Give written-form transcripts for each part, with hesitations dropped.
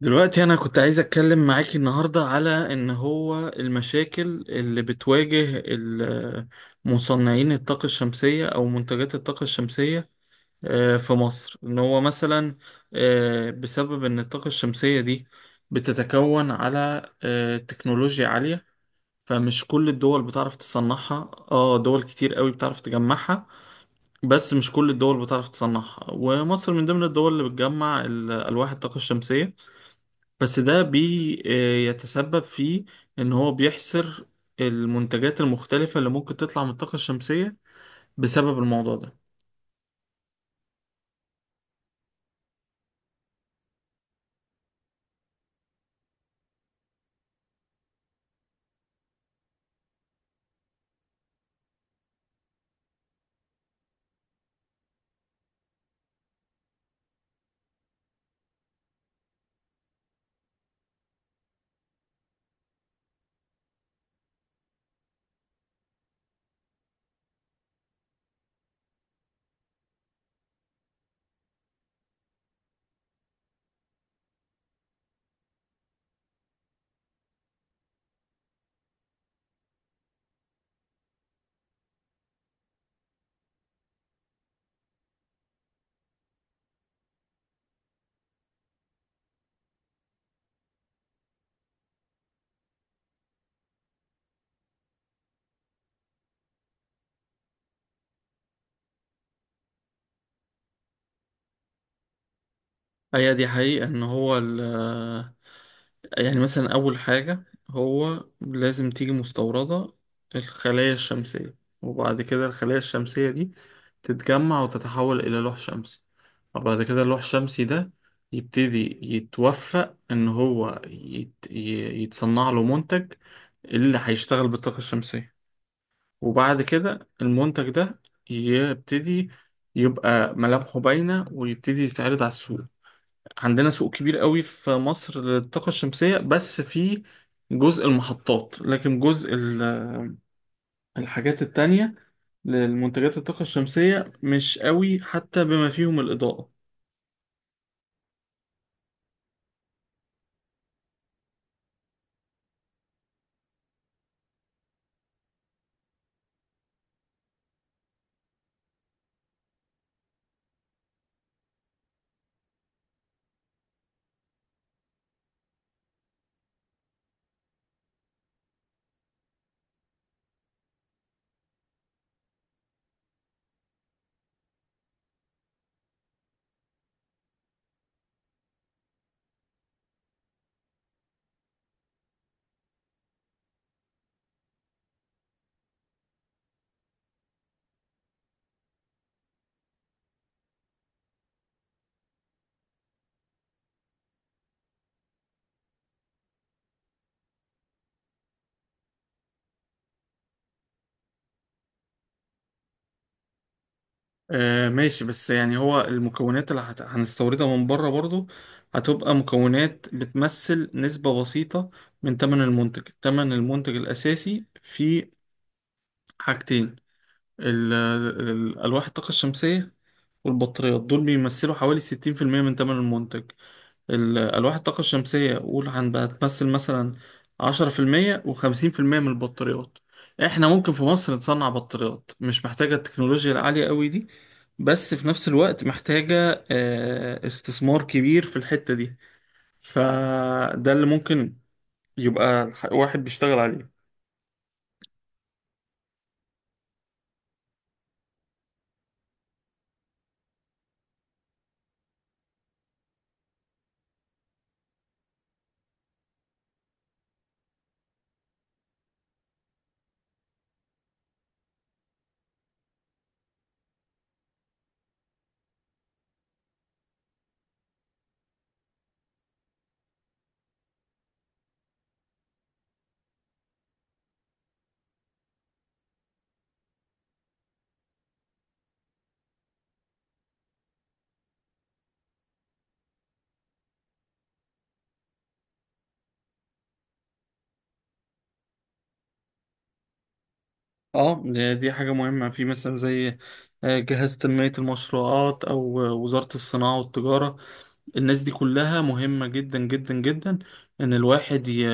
دلوقتي أنا كنت عايز أتكلم معاكي النهاردة على إن هو المشاكل اللي بتواجه مصنعين الطاقة الشمسية أو منتجات الطاقة الشمسية في مصر إن هو مثلا بسبب إن الطاقة الشمسية دي بتتكون على تكنولوجيا عالية. فمش كل الدول بتعرف تصنعها، دول كتير قوي بتعرف تجمعها، بس مش كل الدول بتعرف تصنعها. ومصر من ضمن الدول اللي بتجمع ألواح الطاقة الشمسية، بس ده بيتسبب في ان هو بيحصر المنتجات المختلفة اللي ممكن تطلع من الطاقة الشمسية بسبب الموضوع ده. هي دي حقيقة ان هو يعني مثلا اول حاجة هو لازم تيجي مستوردة الخلايا الشمسية، وبعد كده الخلايا الشمسية دي تتجمع وتتحول الى لوح شمسي، وبعد كده اللوح الشمسي ده يبتدي يتوفق ان هو يتصنع له منتج اللي هيشتغل بالطاقة الشمسية. وبعد كده المنتج ده يبتدي يبقى ملامحه باينة ويبتدي يتعرض على السوق. عندنا سوق كبير قوي في مصر للطاقة الشمسية، بس في جزء المحطات، لكن جزء الحاجات التانية للمنتجات الطاقة الشمسية مش قوي، حتى بما فيهم الإضاءة. آه، ماشي، بس يعني هو المكونات اللي هنستوردها من بره برضو هتبقى مكونات بتمثل نسبة بسيطة من تمن المنتج. تمن المنتج الأساسي في حاجتين، ألواح الطاقة الشمسية والبطاريات، دول بيمثلوا حوالي 60% من تمن المنتج. ألواح الطاقة الشمسية قول هنبقى تمثل مثلا 10%، و50% من البطاريات. احنا ممكن في مصر نصنع بطاريات مش محتاجة التكنولوجيا العالية قوي دي، بس في نفس الوقت محتاجة استثمار كبير في الحتة دي. فده اللي ممكن يبقى واحد بيشتغل عليه. اه، دي حاجة مهمة. في مثلا زي جهاز تنمية المشروعات أو وزارة الصناعة والتجارة، الناس دي كلها مهمة جدا جدا جدا إن الواحد ي...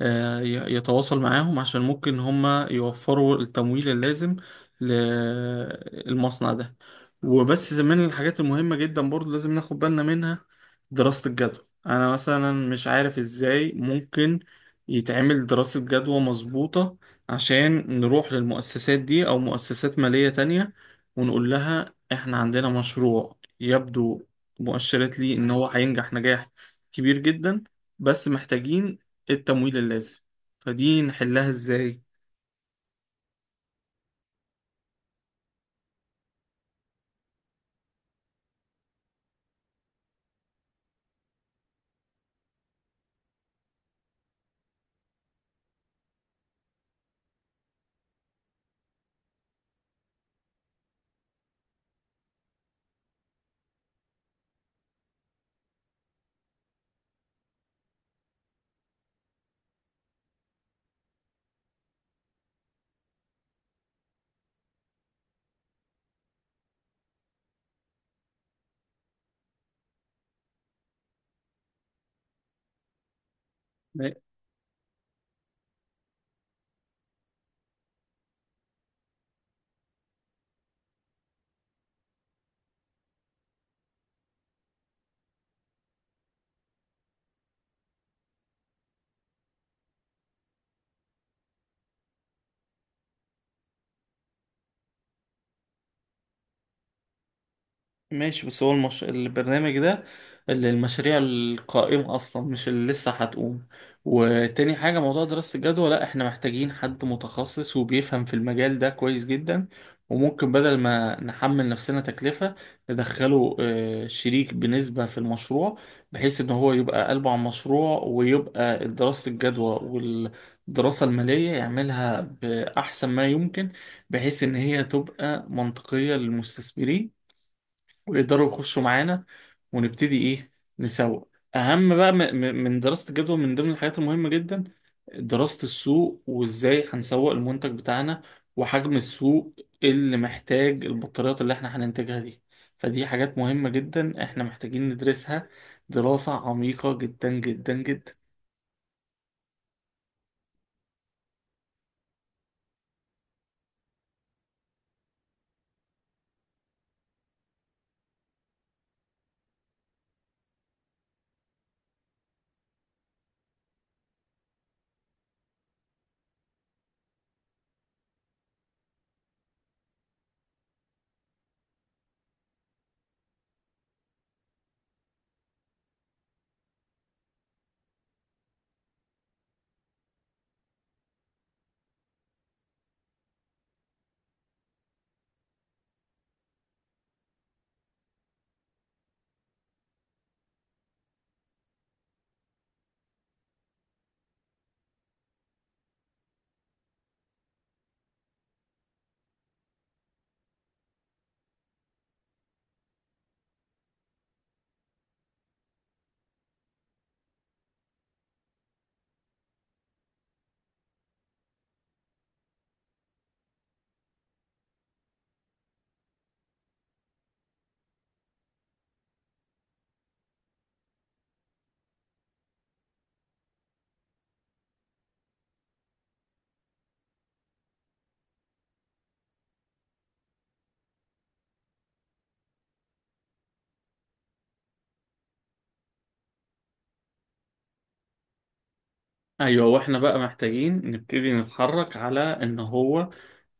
آه، ي- يتواصل معاهم، عشان ممكن هما يوفروا التمويل اللازم للمصنع ده. وبس من الحاجات المهمة جدا برضو لازم ناخد بالنا منها دراسة الجدوى. أنا مثلا مش عارف إزاي ممكن يتعمل دراسة جدوى مظبوطة عشان نروح للمؤسسات دي أو مؤسسات مالية تانية ونقول لها إحنا عندنا مشروع يبدو مؤشرات ليه إن هو هينجح نجاح كبير جدا، بس محتاجين التمويل اللازم. فدي نحلها ازاي؟ ماشي، بس هو البرنامج ده اللي المشاريع القائمة أصلا، مش اللي لسه هتقوم. وتاني حاجة، موضوع دراسة الجدوى، لا احنا محتاجين حد متخصص وبيفهم في المجال ده كويس جدا. وممكن بدل ما نحمل نفسنا تكلفة ندخله شريك بنسبة في المشروع، بحيث ان هو يبقى قلبه على المشروع ويبقى دراسة الجدوى والدراسة المالية يعملها بأحسن ما يمكن، بحيث ان هي تبقى منطقية للمستثمرين ويقدروا يخشوا معانا ونبتدي ايه، نسوق. اهم بقى من دراسة الجدوى، من ضمن الحاجات المهمة جدا دراسة السوق وازاي هنسوق المنتج بتاعنا وحجم السوق اللي محتاج البطاريات اللي احنا هننتجها دي. فدي حاجات مهمة جدا احنا محتاجين ندرسها دراسة عميقة جدا جدا جدا. ايوه، واحنا بقى محتاجين نبتدي نتحرك على ان هو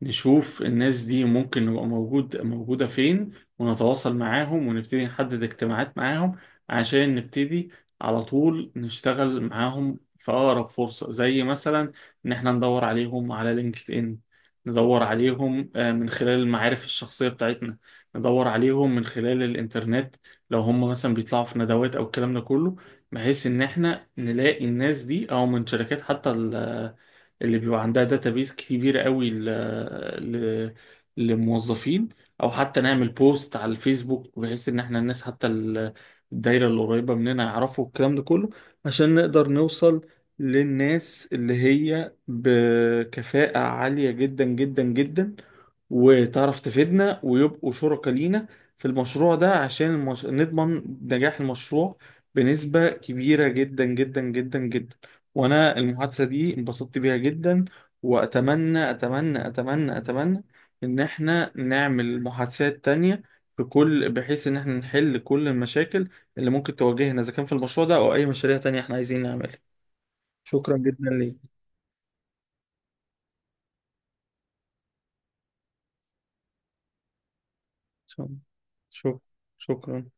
نشوف الناس دي ممكن نبقى موجودة فين، ونتواصل معاهم ونبتدي نحدد اجتماعات معاهم، عشان نبتدي على طول نشتغل معاهم في أقرب فرصة. زي مثلا إن احنا ندور عليهم على لينكد إن، ندور عليهم من خلال المعارف الشخصية بتاعتنا، ندور عليهم من خلال الإنترنت لو هم مثلا بيطلعوا في ندوات أو الكلام ده كله، بحيث ان احنا نلاقي الناس دي، او من شركات حتى اللي بيبقى عندها داتابيز كبيرة قوي ل... للموظفين، او حتى نعمل بوست على الفيسبوك بحيث ان احنا الناس حتى الدايرة اللي قريبة مننا يعرفوا الكلام ده كله، عشان نقدر نوصل للناس اللي هي بكفاءة عالية جدا جدا جدا وتعرف تفيدنا ويبقوا شركاء لينا في المشروع ده، عشان نضمن نجاح المشروع بنسبة كبيرة جدا جدا جدا جدا. وأنا المحادثة دي انبسطت بيها جدا، وأتمنى أتمنى أتمنى أتمنى إن إحنا نعمل محادثات تانية في كل، بحيث إن إحنا نحل كل المشاكل اللي ممكن تواجهنا إذا كان في المشروع ده أو أي مشاريع تانية إحنا عايزين نعملها. شكرا جدا ليك. شكرا. شكرا.